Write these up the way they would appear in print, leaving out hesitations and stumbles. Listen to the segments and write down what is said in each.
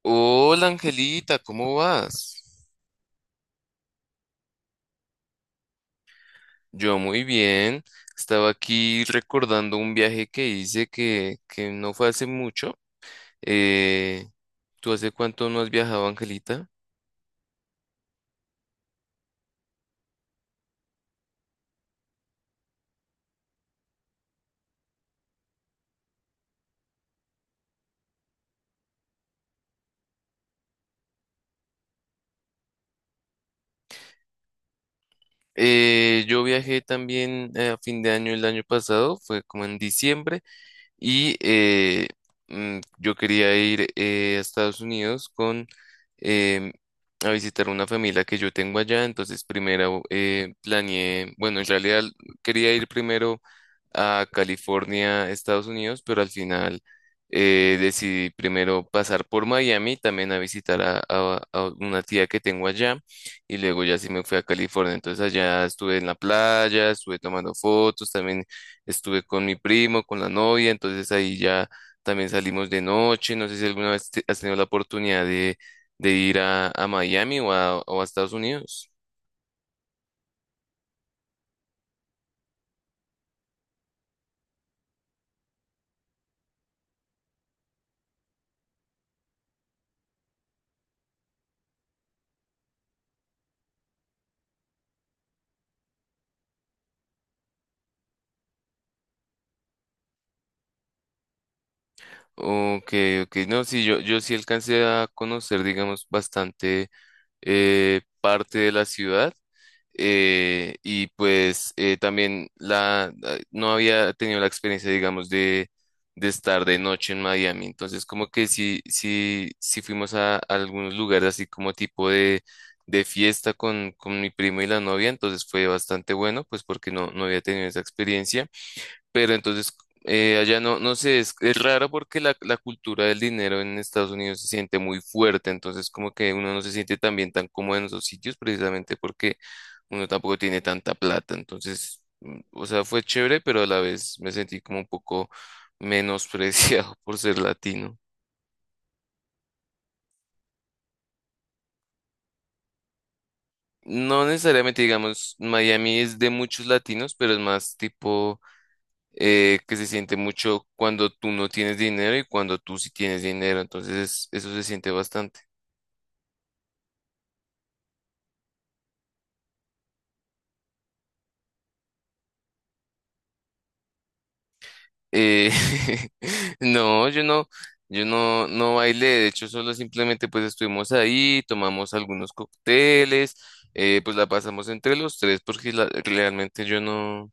Hola Angelita, ¿cómo vas? Yo muy bien. Estaba aquí recordando un viaje que hice que no fue hace mucho. Eh, ¿Tú hace cuánto no has viajado, Angelita? Yo viajé también a fin de año el año pasado, fue como en diciembre. Y yo quería ir a Estados Unidos em, a visitar una familia que yo tengo allá. Entonces, primero planeé, bueno, en realidad quería ir primero a California, Estados Unidos, pero al final decidí primero pasar por Miami, también a visitar a una tía que tengo allá, y luego ya sí me fui a California. Entonces allá estuve en la playa, estuve tomando fotos, también estuve con mi primo, con la novia, entonces ahí ya también salimos de noche. No sé si alguna vez has tenido la oportunidad de ir a Miami o o a Estados Unidos. Ok, ok, no, sí, yo sí alcancé a conocer, digamos, bastante parte de la ciudad, y pues también no había tenido la experiencia, digamos, de estar de noche en Miami, entonces como que sí fuimos a algunos lugares así como tipo de fiesta con mi primo y la novia, entonces fue bastante bueno, pues porque no había tenido esa experiencia. Pero entonces, allá no, no sé, es raro porque la cultura del dinero en Estados Unidos se siente muy fuerte, entonces como que uno no se siente tan bien, tan cómodo en esos sitios precisamente porque uno tampoco tiene tanta plata, entonces, o sea, fue chévere, pero a la vez me sentí como un poco menospreciado por ser latino. No necesariamente, digamos, Miami es de muchos latinos, pero es más tipo que se siente mucho cuando tú no tienes dinero y cuando tú sí tienes dinero, entonces eso se siente bastante. Eh, no, yo no bailé, de hecho solo simplemente pues estuvimos ahí, tomamos algunos cócteles, pues la pasamos entre los tres porque realmente yo no,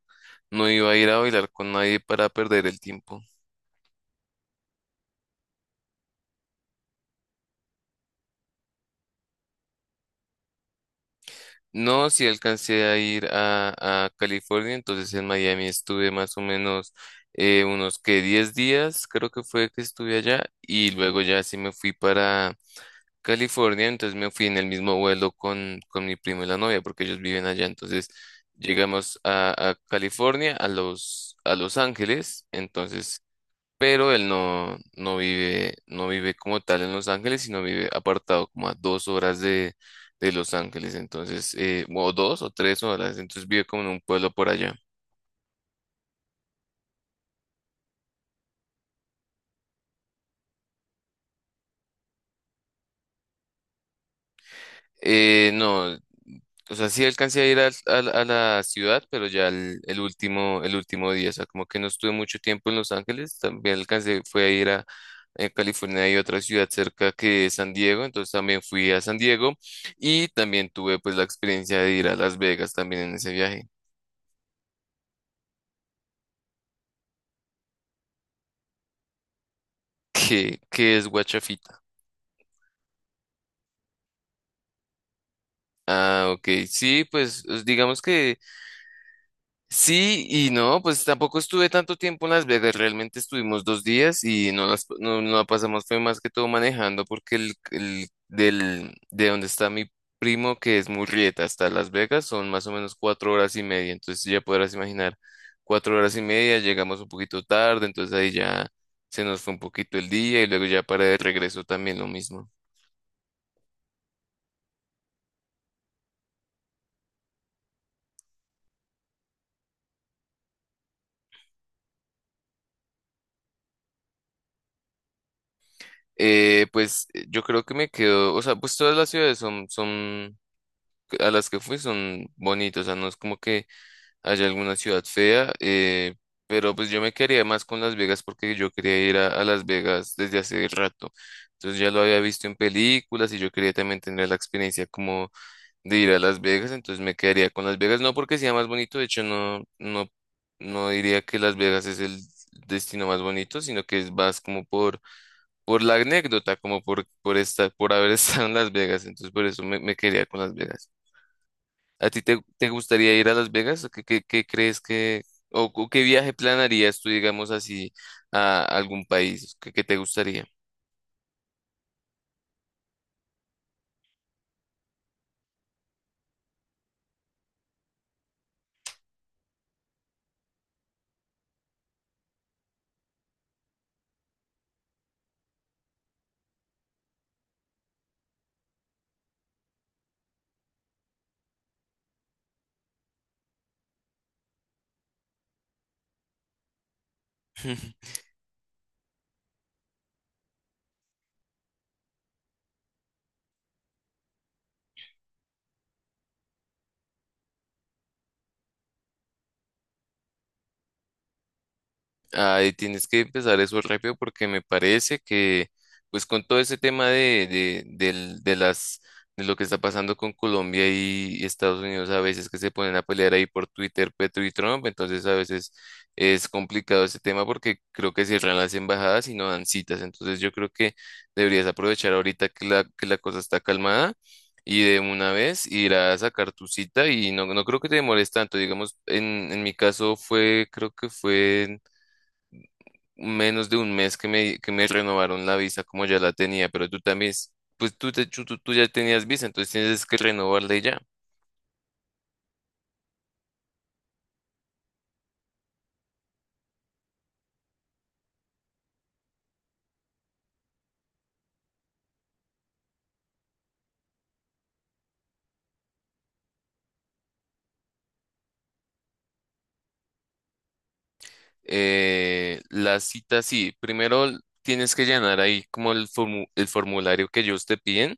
no iba a ir a bailar con nadie para perder el tiempo. No, sí alcancé a ir a California, entonces en Miami estuve más o menos unos que 10 días, creo que fue que estuve allá, y luego ya sí me fui para California, entonces me fui en el mismo vuelo con mi primo y la novia, porque ellos viven allá, entonces llegamos a California, a Los Ángeles, entonces pero él no vive como tal en Los Ángeles, sino vive apartado como a 2 horas de Los Ángeles, entonces, o 2 o 3 horas, entonces vive como en un pueblo por allá. No, o sea, sí alcancé a ir la ciudad, pero ya el último día, o sea, como que no estuve mucho tiempo en Los Ángeles, también alcancé, fue a ir a California. Hay otra ciudad cerca que es San Diego, entonces también fui a San Diego y también tuve pues la experiencia de ir a Las Vegas también en ese viaje. ¿Qué es guachafita? Ah, ok. Sí, pues digamos que sí y no, pues tampoco estuve tanto tiempo en Las Vegas, realmente estuvimos 2 días y no, no la pasamos, fue más que todo manejando porque de donde está mi primo, que es Murrieta, hasta Las Vegas, son más o menos 4 horas y media. Entonces ya podrás imaginar, 4 horas y media, llegamos un poquito tarde, entonces ahí ya se nos fue un poquito el día y luego ya para de regreso también lo mismo. Pues yo creo que me quedo, o sea, pues todas las ciudades a las que fui son bonitas, o sea, no es como que haya alguna ciudad fea, pero pues yo me quedaría más con Las Vegas porque yo quería ir a Las Vegas desde hace rato, entonces ya lo había visto en películas y yo quería también tener la experiencia como de ir a Las Vegas, entonces me quedaría con Las Vegas, no porque sea más bonito, de hecho no diría que Las Vegas es el destino más bonito, sino que es más como por la anécdota, como por esta, por haber estado en Las Vegas, entonces por eso me quería con Las Vegas. ¿A ti te gustaría ir a Las Vegas? ¿O qué crees que, o qué viaje planarías tú, digamos así, a algún país que te gustaría? Ahí tienes que empezar eso rápido porque me parece que, pues con todo ese tema de, del- de las, de lo que está pasando con Colombia y Estados Unidos, a veces que se ponen a pelear ahí por Twitter, Petro y Trump, entonces a veces es complicado ese tema porque creo que cierran las embajadas y no dan citas. Entonces yo creo que deberías aprovechar ahorita que la cosa está calmada. Y de una vez ir a sacar tu cita y no creo que te demores tanto. Digamos, en mi caso fue, creo que fue menos de un mes que me renovaron la visa como ya la tenía, pero tú también, pues tú, te- tú- tú ya tenías visa, entonces tienes que renovarla y ya. La cita sí, primero tienes que llenar ahí como el formulario que ellos te piden.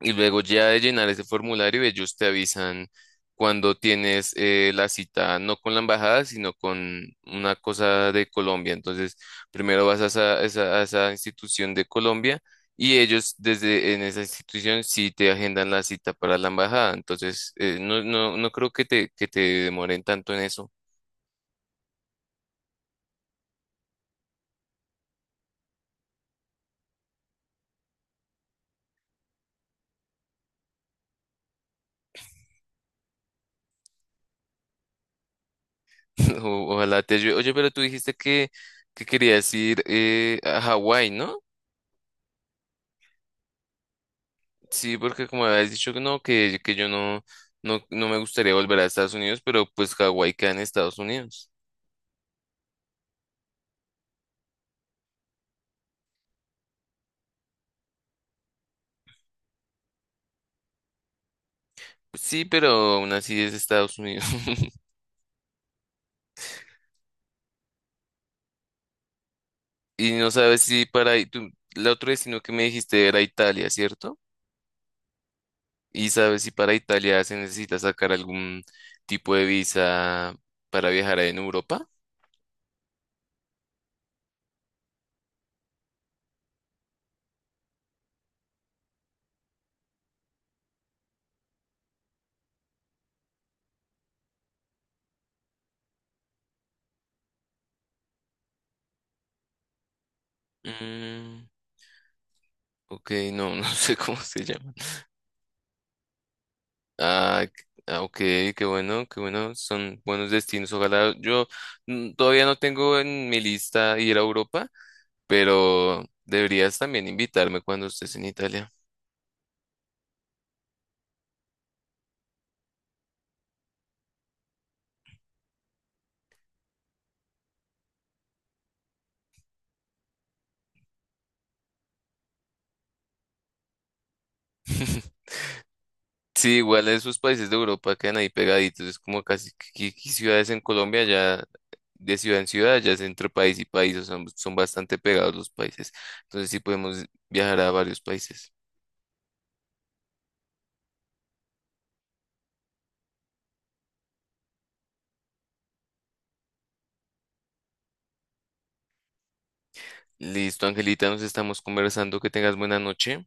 Y luego ya de llenar ese formulario, ellos te avisan cuando tienes la cita, no con la embajada, sino con una cosa de Colombia. Entonces, primero vas a esa institución de Colombia y ellos desde en esa institución sí te agendan la cita para la embajada. Entonces, no creo que te demoren tanto en eso. Ojalá te ayude. Oye, pero tú dijiste que querías ir a Hawái, ¿no? Sí, porque como habías dicho que no, que yo no me gustaría volver a Estados Unidos, pero pues Hawái queda en Estados Unidos. Sí, pero aún así es Estados Unidos. Y no sabes si el otro destino que me dijiste era Italia, ¿cierto? Y sabes si para Italia se necesita sacar algún tipo de visa para viajar en Europa. Mm, ok, no, no sé cómo se llaman. Ah, ok, qué bueno, son buenos destinos. Ojalá yo todavía no tengo en mi lista ir a Europa, pero deberías también invitarme cuando estés en Italia. Sí, igual esos países de Europa quedan ahí pegaditos, es como casi que ciudades en Colombia ya, de ciudad en ciudad, ya es entre país y país, o sea, son bastante pegados los países. Entonces sí podemos viajar a varios países. Listo, Angelita, nos estamos conversando, que tengas buena noche.